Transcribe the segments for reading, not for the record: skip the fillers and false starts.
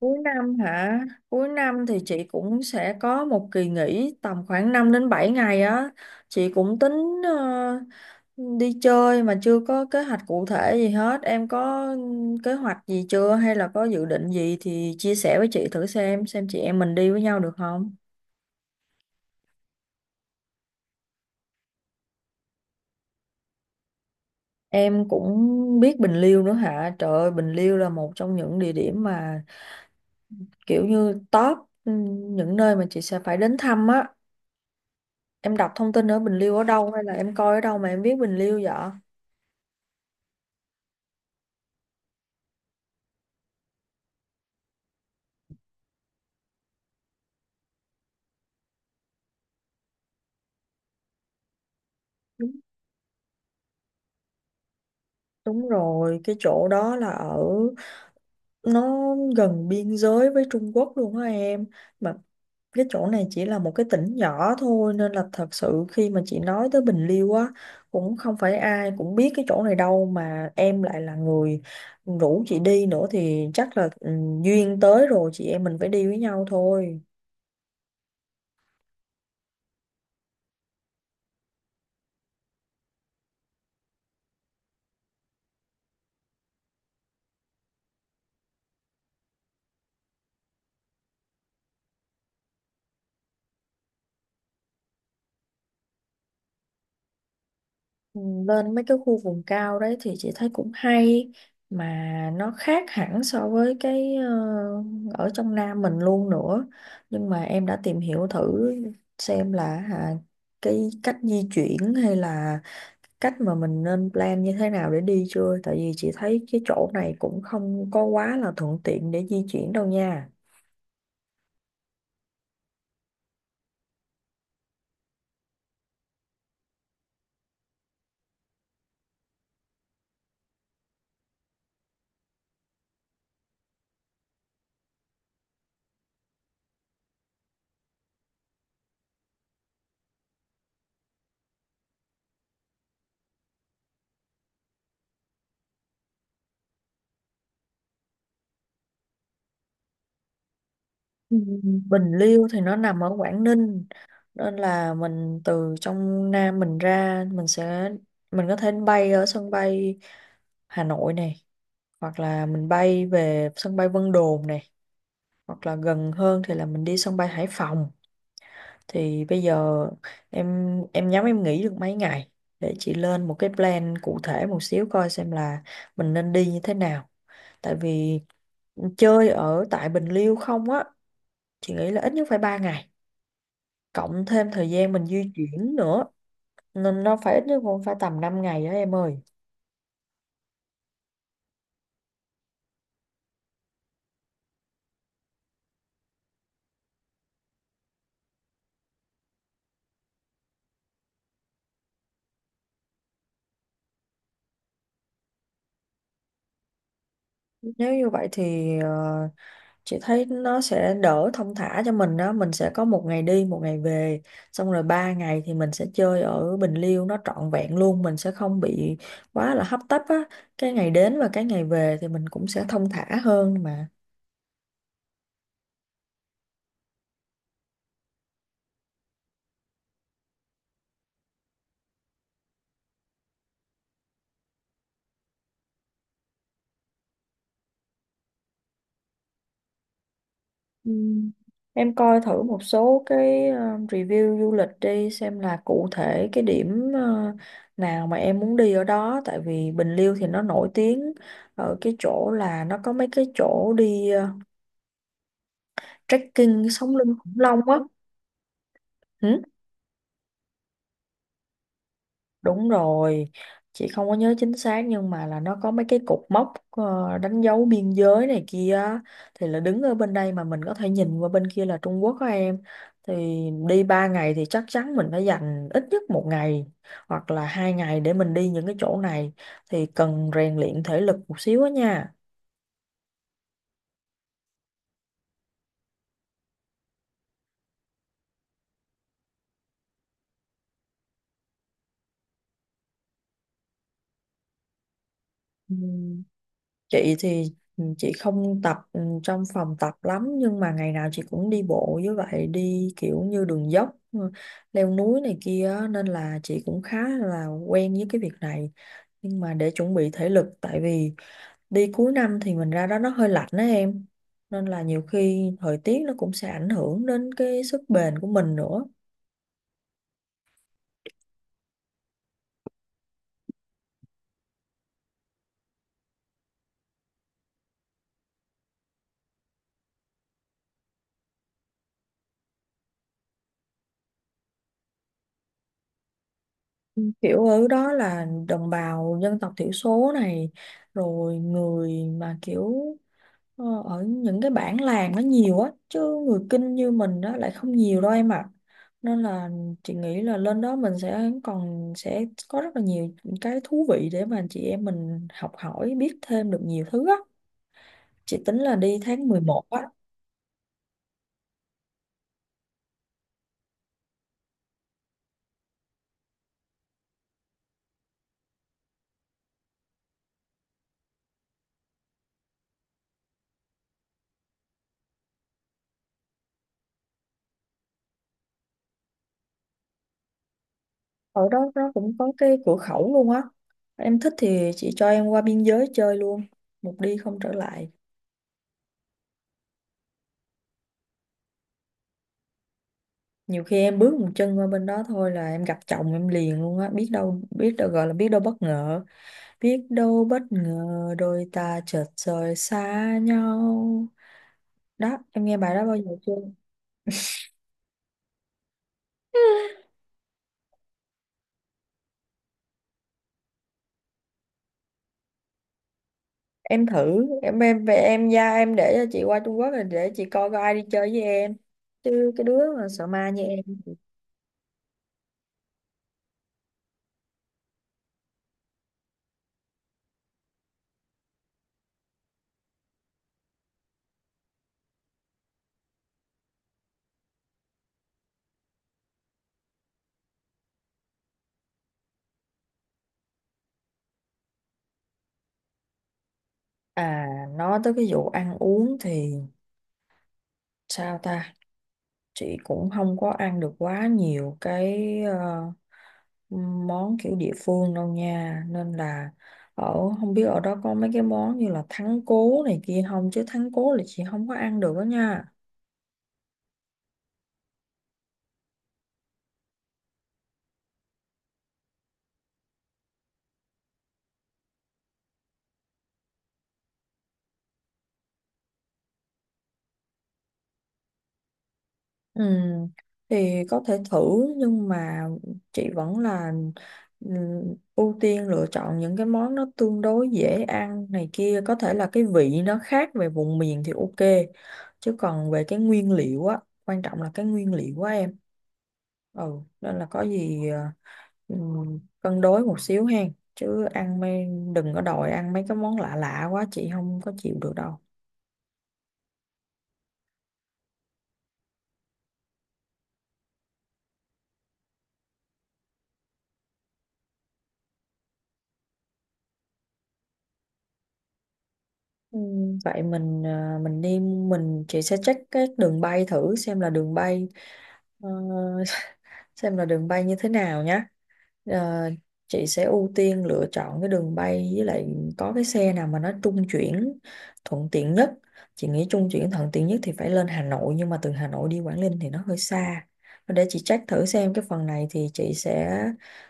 Cuối năm hả? Cuối năm thì chị cũng sẽ có một kỳ nghỉ tầm khoảng 5 đến 7 ngày á. Chị cũng tính ờ, đi chơi mà chưa có kế hoạch cụ thể gì hết. Em có kế hoạch gì chưa hay là có dự định gì thì chia sẻ với chị thử xem chị em mình đi với nhau được không? Em cũng biết Bình Liêu nữa hả? Trời ơi, Bình Liêu là một trong những địa điểm mà kiểu như top, ừ, những nơi mà chị sẽ phải đến thăm á. Em đọc thông tin ở Bình Liêu ở đâu hay là em coi ở đâu mà em biết Bình Liêu vậy? Đúng, đúng rồi, cái chỗ đó là ở nó gần biên giới với Trung Quốc luôn á em. Mà cái chỗ này chỉ là một cái tỉnh nhỏ thôi, nên là thật sự khi mà chị nói tới Bình Liêu á cũng không phải ai cũng biết cái chỗ này đâu, mà em lại là người rủ chị đi nữa thì chắc là duyên tới rồi, chị em mình phải đi với nhau thôi. Ừ, lên mấy cái khu vùng cao đấy thì chị thấy cũng hay, mà nó khác hẳn so với cái ở trong Nam mình luôn nữa. Nhưng mà em đã tìm hiểu thử xem là à, cái cách di chuyển hay là cách mà mình nên plan như thế nào để đi chưa? Tại vì chị thấy cái chỗ này cũng không có quá là thuận tiện để di chuyển đâu nha. Ừ. Bình Liêu thì nó nằm ở Quảng Ninh, nên là mình từ trong Nam mình ra mình có thể bay ở sân bay Hà Nội này, hoặc là mình bay về sân bay Vân Đồn này, hoặc là gần hơn thì là mình đi sân bay Hải Phòng. Thì bây giờ em nhắm em nghỉ được mấy ngày để chị lên một cái plan cụ thể một xíu, coi xem là mình nên đi như thế nào. Tại vì chơi ở tại Bình Liêu không á, chị nghĩ là ít nhất phải 3 ngày, cộng thêm thời gian mình di chuyển nữa, nên nó phải ít nhất cũng phải tầm 5 ngày đó em ơi. Nếu như vậy thì chị thấy nó sẽ đỡ, thong thả cho mình đó, mình sẽ có một ngày đi một ngày về, xong rồi 3 ngày thì mình sẽ chơi ở Bình Liêu nó trọn vẹn luôn, mình sẽ không bị quá là hấp tấp á. Cái ngày đến và cái ngày về thì mình cũng sẽ thong thả hơn mà. Ừm, Em coi thử một số cái review du lịch đi, xem là cụ thể cái điểm nào mà em muốn đi ở đó. Tại vì Bình Liêu thì nó nổi tiếng ở cái chỗ là nó có mấy cái chỗ đi trekking sống lưng khủng long á. Đúng rồi, chị không có nhớ chính xác nhưng mà là nó có mấy cái cột mốc đánh dấu biên giới này kia á. Thì là đứng ở bên đây mà mình có thể nhìn qua bên kia là Trung Quốc á em. Thì đi 3 ngày thì chắc chắn mình phải dành ít nhất một ngày hoặc là 2 ngày để mình đi những cái chỗ này, thì cần rèn luyện thể lực một xíu á nha. Ừ. Chị thì chị không tập trong phòng tập lắm, nhưng mà ngày nào chị cũng đi bộ với vậy, đi kiểu như đường dốc, leo núi này kia á, nên là chị cũng khá là quen với cái việc này. Nhưng mà để chuẩn bị thể lực, tại vì đi cuối năm thì mình ra đó nó hơi lạnh đó em, nên là nhiều khi thời tiết nó cũng sẽ ảnh hưởng đến cái sức bền của mình nữa. Ừ, kiểu ở đó là đồng bào dân tộc thiểu số này, rồi người mà kiểu ở những cái bản làng nó nhiều á chứ, người Kinh như mình đó lại không nhiều đâu em ạ. Nên là chị nghĩ là lên đó mình sẽ còn sẽ có rất là nhiều cái thú vị để mà chị em mình học hỏi, biết thêm được nhiều thứ á. Chị tính là đi tháng 11 á. Ở đó nó cũng có cái cửa khẩu luôn á, em thích thì chị cho em qua biên giới chơi luôn, một đi không trở lại. Nhiều khi em bước một chân qua bên đó thôi là em gặp chồng em liền luôn á, biết đâu biết đâu, gọi là biết đâu bất ngờ. Biết đâu bất ngờ đôi ta chợt rời xa nhau. Đó, em nghe bài đó bao giờ chưa? Em thử, em về em ra em để cho chị qua Trung Quốc rồi để chị coi coi ai đi chơi với em. Chứ cái đứa mà sợ ma như em. À, nói tới cái vụ ăn uống thì sao ta? Chị cũng không có ăn được quá nhiều cái món kiểu địa phương đâu nha, nên là ở, không biết ở đó có mấy cái món như là thắng cố này kia không, chứ thắng cố là chị không có ăn được đó nha. Ừ, thì có thể thử nhưng mà chị vẫn là ừ, ưu tiên lựa chọn những cái món nó tương đối dễ ăn này kia, có thể là cái vị nó khác về vùng miền thì ok, chứ còn về cái nguyên liệu á, quan trọng là cái nguyên liệu á em. Ừ Nên là có gì cân đối một xíu hen, chứ ăn mấy, đừng có đòi ăn mấy cái món lạ lạ quá chị không có chịu được đâu. Vậy mình đi mình, chị sẽ check cái đường bay thử xem là đường bay ờ, xem là đường bay như thế nào nhá. Ờ, chị sẽ ưu tiên lựa chọn cái đường bay, với lại có cái xe nào mà nó trung chuyển thuận tiện nhất. Chị nghĩ trung chuyển thuận tiện nhất thì phải lên Hà Nội, nhưng mà từ Hà Nội đi Quảng Ninh thì nó hơi xa. Để chị check thử xem, cái phần này thì chị sẽ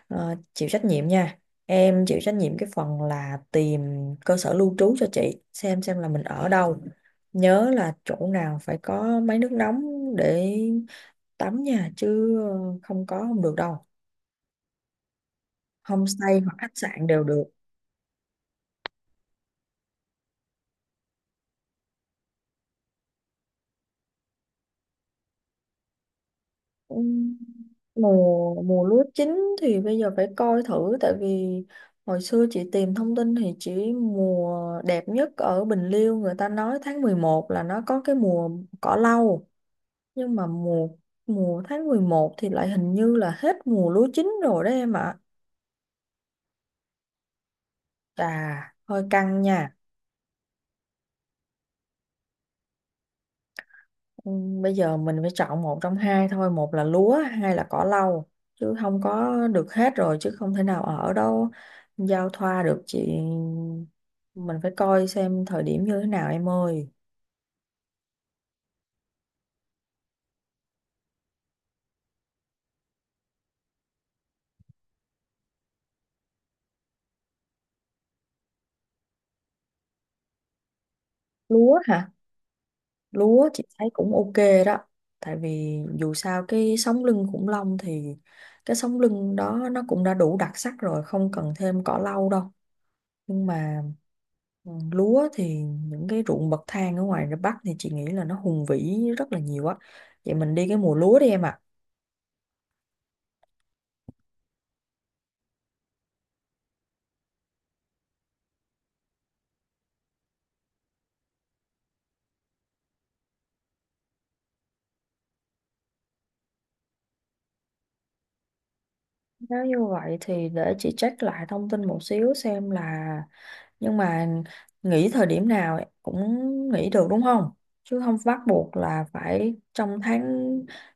chịu trách nhiệm nha. Em chịu trách nhiệm cái phần là tìm cơ sở lưu trú cho chị, xem là mình ở đâu. Nhớ là chỗ nào phải có máy nước nóng để tắm nha, chứ không có không được đâu. Homestay hoặc khách sạn đều được. Ừm, mùa mùa lúa chín thì bây giờ phải coi thử. Tại vì hồi xưa chị tìm thông tin thì chỉ mùa đẹp nhất ở Bình Liêu, người ta nói tháng 11 là nó có cái mùa cỏ lau, nhưng mà mùa mùa tháng 11 thì lại hình như là hết mùa lúa chín rồi đó em ạ. Chà, hơi căng nha. Ừ, bây giờ mình phải chọn một trong hai thôi, một là lúa, hai là cỏ lau, chứ không có được hết rồi, chứ không thể nào ở đâu giao thoa được chị. Mình phải coi xem thời điểm như thế nào em ơi. Lúa hả? Lúa chị thấy cũng ok đó, tại vì dù sao cái sống lưng khủng long thì cái sống lưng đó nó cũng đã đủ đặc sắc rồi, không cần thêm cỏ lau đâu. Nhưng mà lúa thì những cái ruộng bậc thang ở ngoài Bắc thì chị nghĩ là nó hùng vĩ rất là nhiều á. Vậy mình đi cái mùa lúa đi em ạ. Nếu như vậy thì để chị check lại thông tin một xíu, xem là, nhưng mà nghỉ thời điểm nào cũng nghỉ được đúng không? Chứ không bắt buộc là phải trong tháng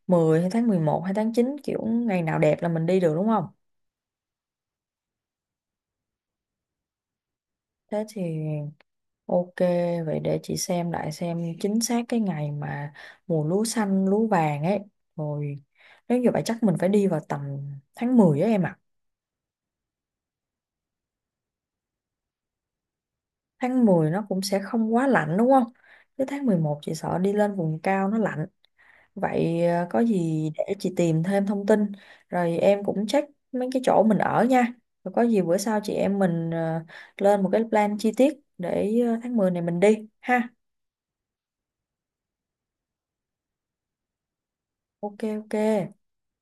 10 hay tháng 11 hay tháng 9, kiểu ngày nào đẹp là mình đi được đúng không? Thế thì ok, vậy để chị xem lại xem chính xác cái ngày mà mùa lúa xanh, lúa vàng ấy. Rồi, nếu như vậy chắc mình phải đi vào tầm tháng 10 á em ạ. Tháng 10 nó cũng sẽ không quá lạnh đúng không? Tới tháng 11 chị sợ đi lên vùng cao nó lạnh. Vậy có gì để chị tìm thêm thông tin. Rồi em cũng check mấy cái chỗ mình ở nha. Rồi có gì bữa sau chị em mình lên một cái plan chi tiết để tháng 10 này mình đi ha. Ok ok.